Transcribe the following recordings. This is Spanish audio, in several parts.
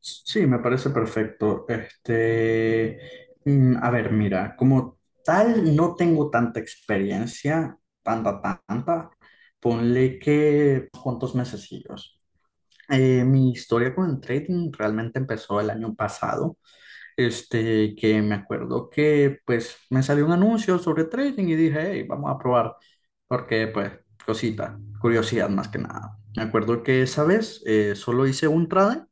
Sí, me parece perfecto. Este, a ver, mira, como tal no tengo tanta experiencia, tanta, tanta. Ponle que cuántos mesecillos. Mi historia con el trading realmente empezó el año pasado. Este, que me acuerdo que pues me salió un anuncio sobre trading y dije, hey, vamos a probar, porque pues cosita, curiosidad más que nada. Me acuerdo que esa vez solo hice un trade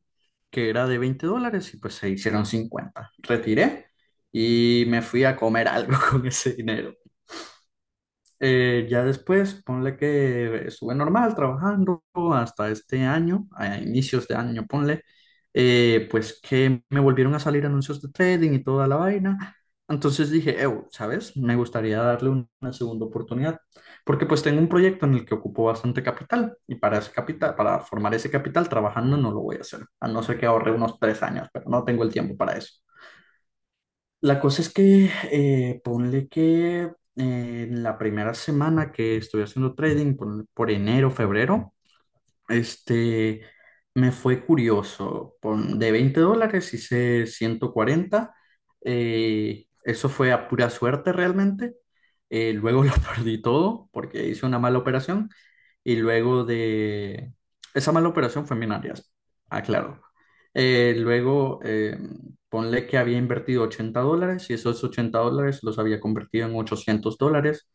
que era de $20 y pues se hicieron 50. Retiré y me fui a comer algo con ese dinero. Ya después, ponle que estuve normal trabajando hasta este año, a inicios de año, ponle, pues que me volvieron a salir anuncios de trading y toda la vaina. Entonces dije, "Ew, ¿sabes? Me gustaría darle una segunda oportunidad, porque pues tengo un proyecto en el que ocupo bastante capital y para ese capital, para formar ese capital trabajando no lo voy a hacer, a no ser que ahorre unos 3 años, pero no tengo el tiempo para eso". La cosa es que ponle que en la primera semana que estuve haciendo trading, ponle por enero, febrero, este, me fue curioso. De $20 hice 140. Eso fue a pura suerte realmente. Luego lo perdí todo porque hice una mala operación. Y luego de... Esa mala operación fue en binarias. Aclaro. Luego, ponle que había invertido $80 y esos $80 los había convertido en $800.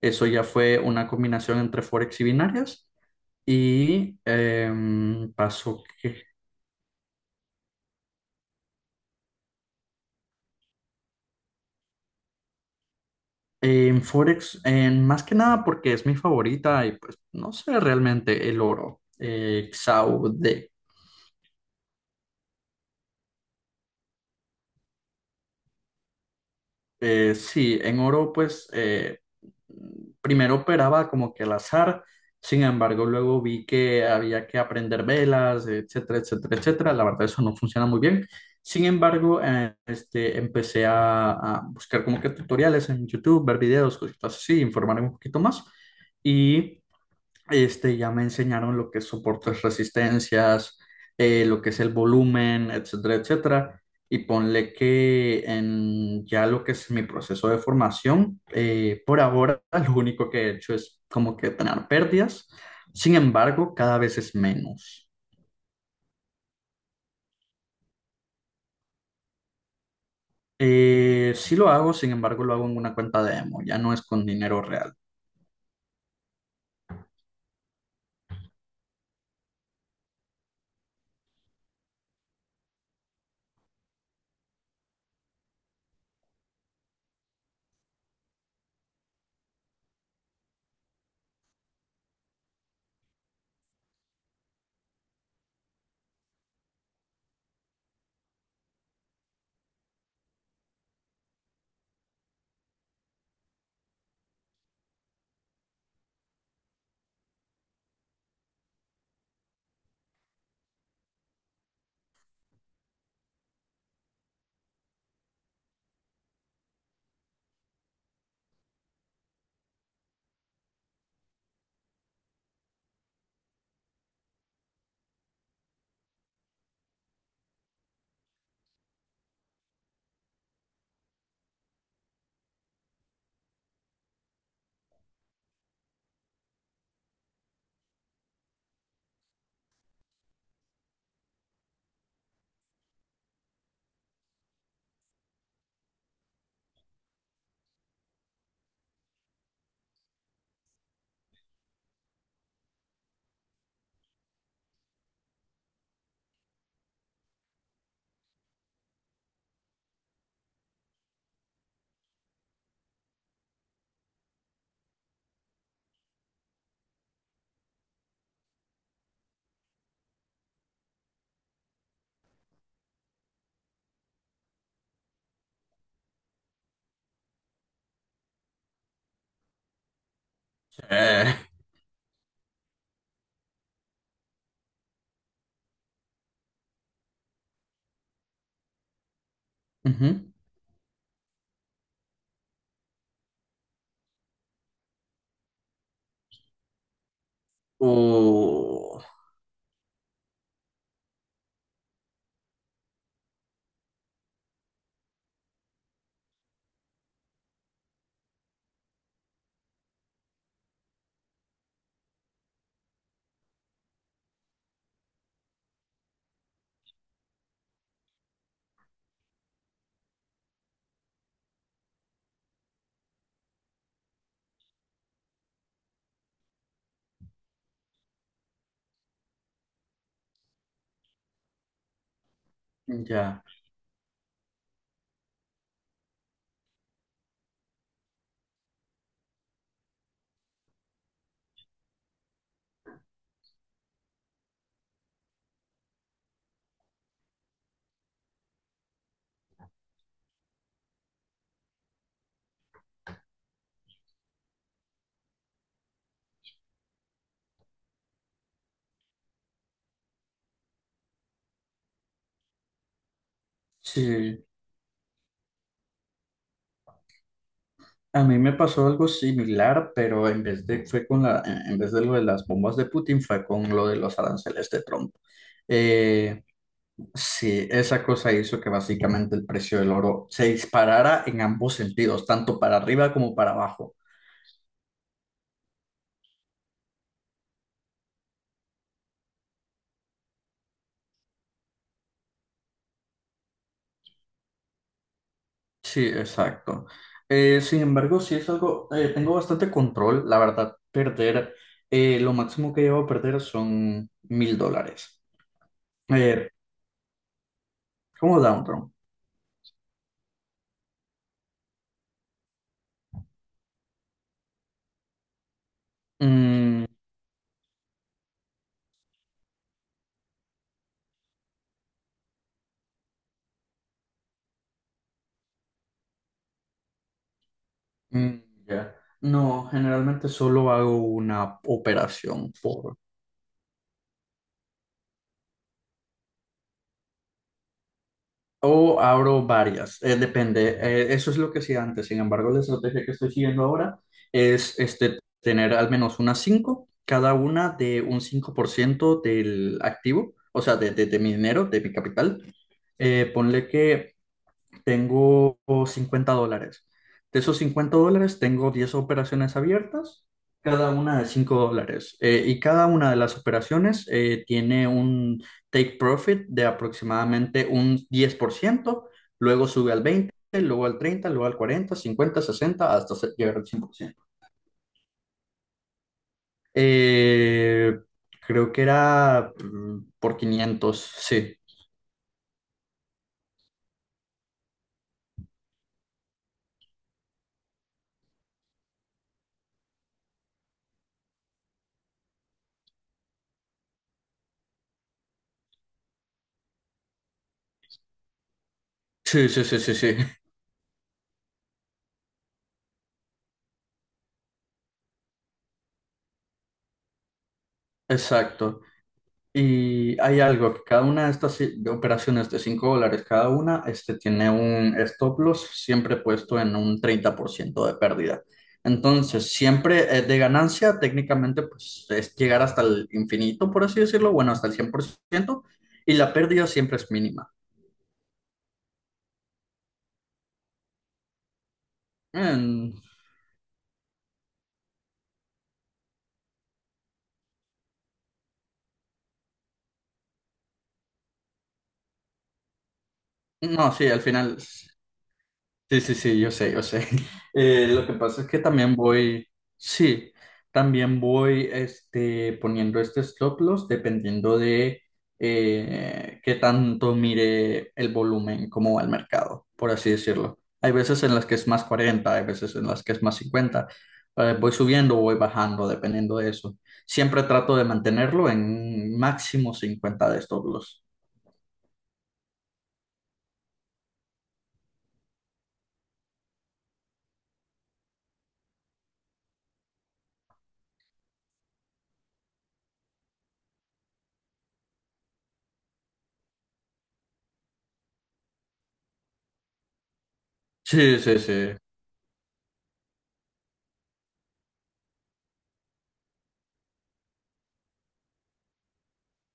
Eso ya fue una combinación entre Forex y binarias. Y pasó que en Forex, en, más que nada porque es mi favorita y pues no sé realmente el oro, XAUD. Sí, en oro pues primero operaba como que al azar, sin embargo luego vi que había que aprender velas, etcétera, etcétera, etcétera. La verdad eso no funciona muy bien. Sin embargo, este, empecé a buscar como que tutoriales en YouTube, ver videos, cositas así, informarme un poquito más. Y este, ya me enseñaron lo que es soportes, resistencias, lo que es el volumen, etcétera, etcétera. Y ponle que en ya lo que es mi proceso de formación, por ahora lo único que he hecho es como que tener pérdidas. Sin embargo, cada vez es menos. Sí lo hago, sin embargo, lo hago en una cuenta demo, ya no es con dinero real. Eh, Ujú. O ya. Sí. A mí me pasó algo similar, pero en vez de, fue con la, en vez de lo de las bombas de Putin, fue con lo de los aranceles de Trump. Eh, Sí, esa cosa hizo que básicamente el precio del oro se disparara en ambos sentidos, tanto para arriba como para abajo. Sí, exacto. Sin embargo, sí es algo, tengo bastante control, la verdad, perder, lo máximo que llevo a perder son $1,000. Eh, como Downtown. Mm, ya. No, generalmente solo hago una operación por... O abro varias, depende. Eso es lo que hacía antes. Sin embargo, la estrategia que estoy siguiendo ahora es este, tener al menos unas cinco, cada una de un 5% del activo, o sea, de mi dinero, de mi capital. Ponle que tengo $50. De esos $50 tengo 10 operaciones abiertas, cada una de $5. Y cada una de las operaciones tiene un take profit de aproximadamente un 10%. Luego sube al 20%, luego al 30%, luego al 40%, 50%, 60%, hasta llegar al 100%. Eh, creo que era por 500, sí. Sí, sí, sí, sí, sí, exacto. Y hay algo, que cada una de estas operaciones de $5 cada una, este, tiene un stop loss siempre puesto en un 30% de pérdida. Entonces, siempre es de ganancia, técnicamente, pues es llegar hasta el infinito, por así decirlo, bueno, hasta el 100% y la pérdida siempre es mínima. Mm, no, sí, al final. Sí, sí, sí, yo sé, yo sé. Lo que pasa es que también voy, sí, también voy este, poniendo este stop loss dependiendo de qué tanto mire el volumen, cómo va el mercado, por así decirlo. Hay veces en las que es más 40, hay veces en las que es más 50. Voy subiendo o voy bajando dependiendo de eso. Siempre trato de mantenerlo en máximo 50 de stop loss. Sí, sí, sí.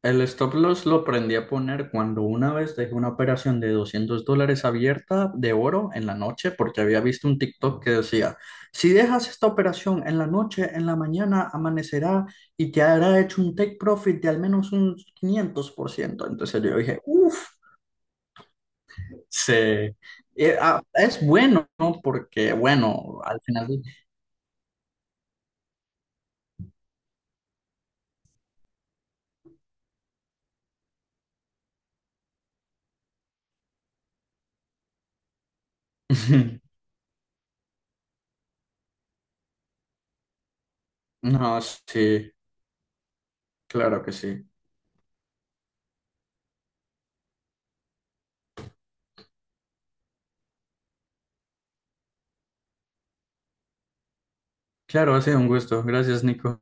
El stop loss lo aprendí a poner cuando una vez dejé una operación de $200 abierta de oro en la noche porque había visto un TikTok que decía, si dejas esta operación en la noche, en la mañana amanecerá y te hará hecho un take profit de al menos un 500%. Entonces yo dije, uff, se... ah, es bueno, ¿no? Porque bueno, al final... No, sí, claro que sí. Claro, ha sido un gusto. Gracias, Nico.